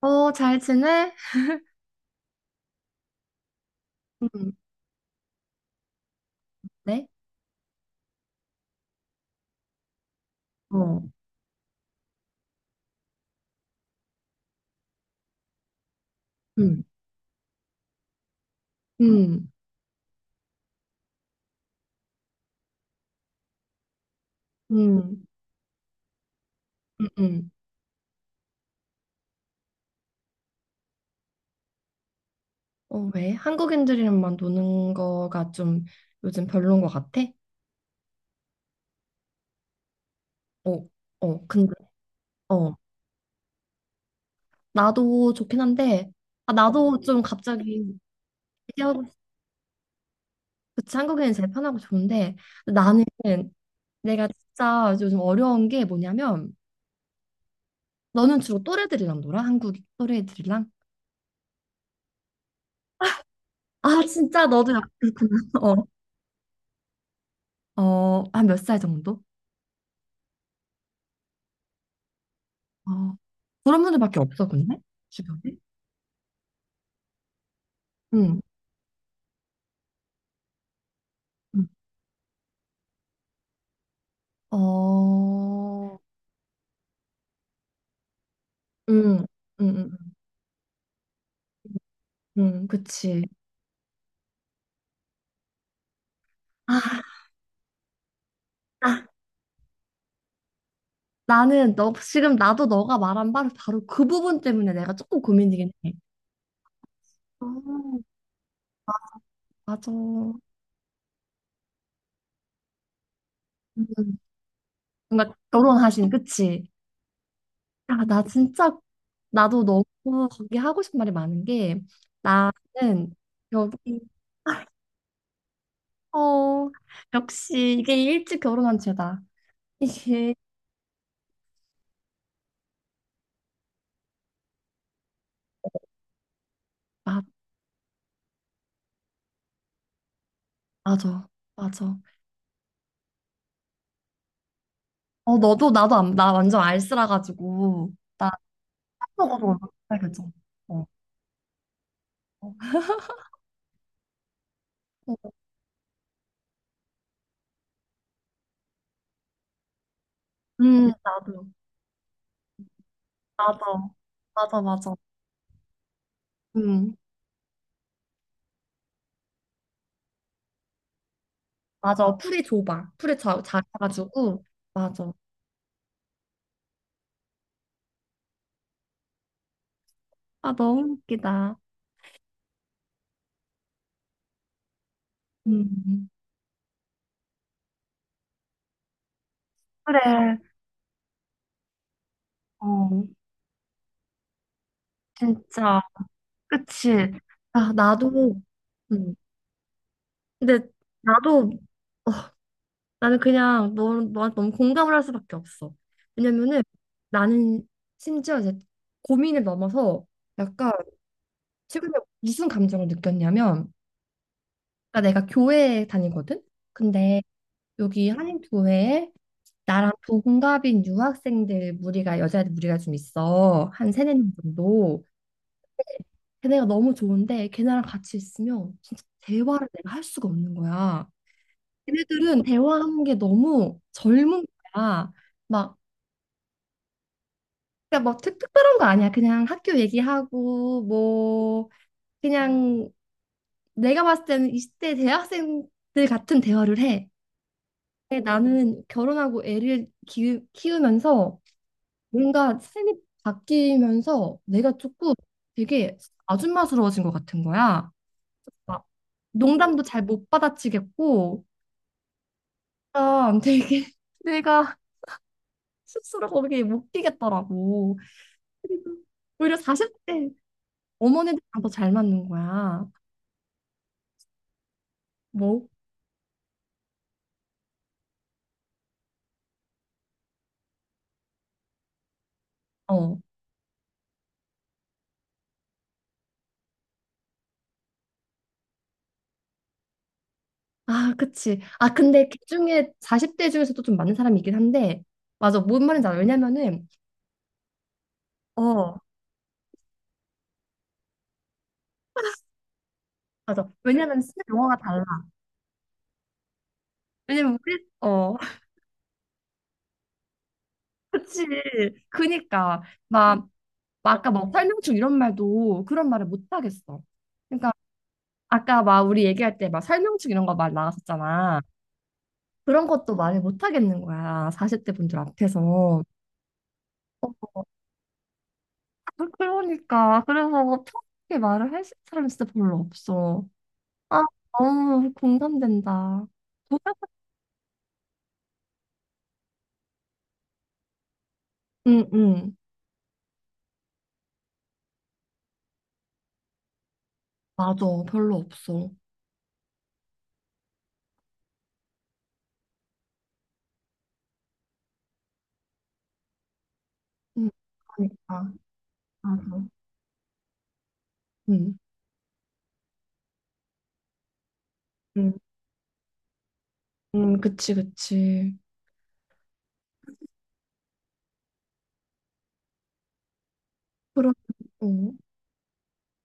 어, 잘 지내? 음, 네? 어. 음. 음, 음, 음, 음. 어, 왜? 한국인들이랑만 노는 거가 좀 요즘 별론 것 같아? 어, 어, 근데, 어, 나도 좋긴 한데, 아, 나도 좀 갑자기, 얘기하고 싶- 그치, 한국인은 제일 편하고 좋은데, 나는 내가 진짜 요즘 어려운 게 뭐냐면, 너는 주로 또래들이랑 놀아? 한국 또래들이랑? 아, 진짜 너도 약간, 어, 어, 한 몇 살 정도? 어. 그런 분들밖에 없어, 근데? 주변에? 응. 응. 어, 응, 응, 응, 응, 응, 그치. 아, 아, 나는 너, 지금 나도 너가 말한 바로, 바로 그 부분 때문에 내가 조금 고민이긴 해. 어, 맞아. 뭔가 결혼하신, 그치? 야, 나 진짜, 나도 너무 거기 하고 싶은 말이 많은 게, 나는 여기, 어, 역시 이게 일찍 결혼한 죄다. 이게, 맞, 맞아, 맞아. 어, 너도, 나도, 안, 나 완전 알쓰라 가지고, 나 먹어도 얼굴 빨개져. 어. 어. 나도, 맞아. 맞아, 맞아. 음, 맞아. 풀이 좁아. 풀이 자, 작아가지고, 맞아. 아, 너무 웃기다. 음, 그래. 어, 진짜. 그치. 아, 나도, 음, 근데, 나도, 나는 그냥 너, 너한테 너무 공감을 할 수밖에 없어. 왜냐면은 나는 심지어 이제 고민을 넘어서 약간 최근에 무슨 감정을 느꼈냐면 그러니까 내가 교회에 다니거든? 근데 여기 한인교회에 나랑 동갑인 유학생들 무리가 여자애들 무리가 좀 있어. 한 세네 명 정도. 걔네가 너무 좋은데 걔네랑 같이 있으면 진짜 대화를 내가 할 수가 없는 거야. 걔네들은 대화하는 게 너무 젊은 거야. 막 그러니까 특별한 거 아니야. 그냥 학교 얘기하고 뭐 그냥 내가 봤을 때는 20대 대학생들 같은 대화를 해. 근데 나는 결혼하고 애를 키우면서 뭔가 삶이 바뀌면서 내가 조금 되게 아줌마스러워진 것 같은 거야. 막 농담도 잘 못 받아치겠고 아, 되게 내가 스스로 거기에 못 끼겠더라고. 그리고 오히려 40대 어머니들이랑 더 잘 맞는 거야. 뭐? 어. 아, 그치. 아, 근데 그 중에 40대 중에서도 좀 많은 사람이 있긴 한데, 맞아. 뭔 말인지 알아. 왜냐면은, 어, 맞아. 왜냐면 쓰는 용어가 달라. 왜냐면 우리, 어, 그치. 그니까. 막, 막 아까 뭐 설명충 이런 말도 그런 말을 못 하겠어. 그러니까 아까 막 우리 얘기할 때 막 설명충 이런 거 말 나왔었잖아. 그런 것도 말을 못 하겠는 거야. 40대 분들 앞에서. 어, 그러니까. 그래서 편하게 말을 할 사람이 진짜 별로 없어. 아, 너무 공감된다. 응, 응. 맞아. 별로 없어. 응, 그러니까. 맞아. 응, 응, 응. 그치, 그치. 그럼, 어.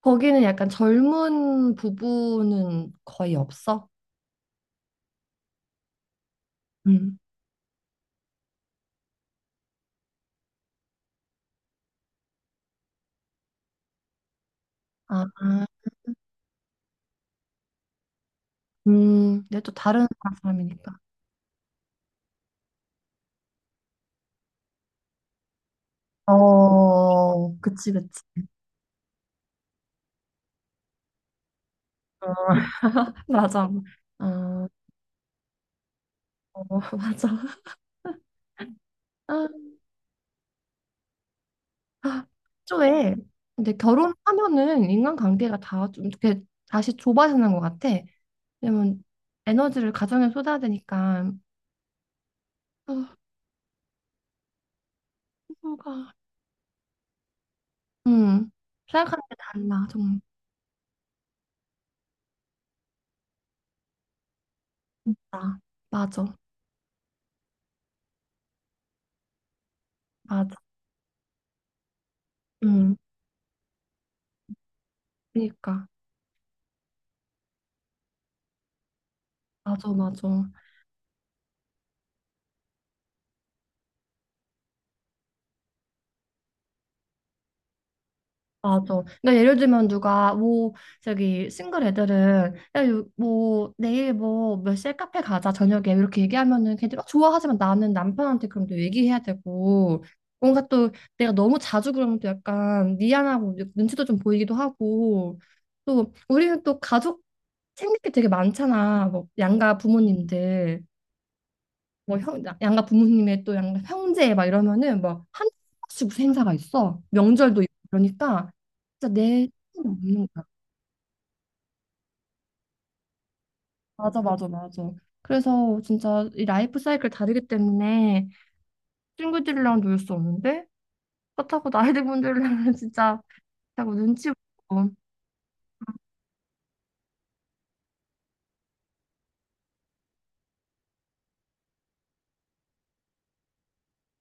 거기는 약간 젊은 부부는 거의 없어? 응. 아, 아. 음. 내가 또 다른 나라 사람이니까. 어, 그치, 그치. 어, 맞아. 어, 어, 맞아. 아, 아, 애초에 근데 결혼하면은 인간관계가 다 좀 이렇게 다시 좁아지는 것 같아. 왜냐면 에너지를 가정에 쏟아야 되니까. 어, 뭐가. 음, 생각하는 게 달라, 정말. 진짜. 맞아, 맞아. 음, 그러니까. 맞아, 맞아. 맞아. 그러니까 예를 들면 누가 뭐 저기 싱글 애들은 야, 요- 뭐 내일 뭐 몇 시에 카페 가자 저녁에 이렇게 얘기하면은 걔들이 막 좋아하지만 나는 남편한테 그럼 또 얘기해야 되고 뭔가 또 내가 너무 자주 그러면 또 약간 미안하고 눈치도 좀 보이기도 하고 또 우리는 또 가족 챙길 게 되게 많잖아. 뭐 양가 부모님들. 뭐 형, 양가 부모님의 또 양가 형제 막 이러면은 뭐한 번씩 무슨 행사가 있어. 명절도 있고 그러니까 진짜 내 시간이 없는 거야. 맞아, 맞아, 맞아. 그래서 진짜 이 라이프 사이클 다르기 때문에 친구들이랑 놀 수 없는데 그렇다고 나이 든 분들이랑은 진짜 자꾸 눈치 보고.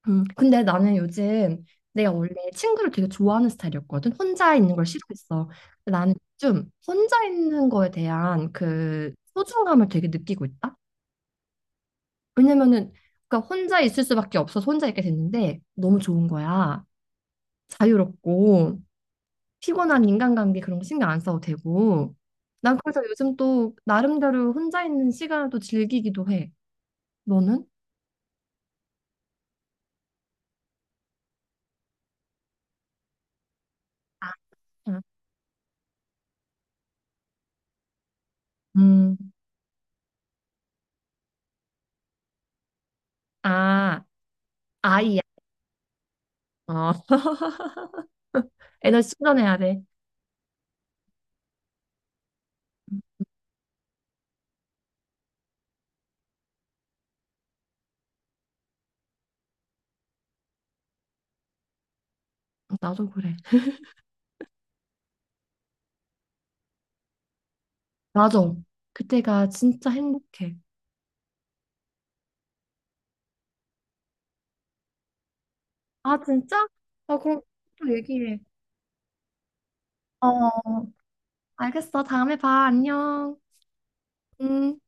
음. 근데 나는 요즘 내가 원래 친구를 되게 좋아하는 스타일이었거든. 혼자 있는 걸 싫어했어. 근데 나는 좀 혼자 있는 거에 대한 그 소중함을 되게 느끼고 있다. 왜냐면은 그러니까 혼자 있을 수밖에 없어서 혼자 있게 됐는데 너무 좋은 거야. 자유롭고 피곤한 인간관계 그런 거 신경 안 써도 되고. 난 그래서 요즘 또 나름대로 혼자 있는 시간을 또 즐기기도 해. 너는? 아, 음, 아, 아이야. 어. 에너지 충전해야 돼. 나도 그래. 맞아. 그때가 진짜 행복해. 아, 진짜? 아, 그럼 또 얘기해. 어, 알겠어. 다음에 봐. 안녕. 음.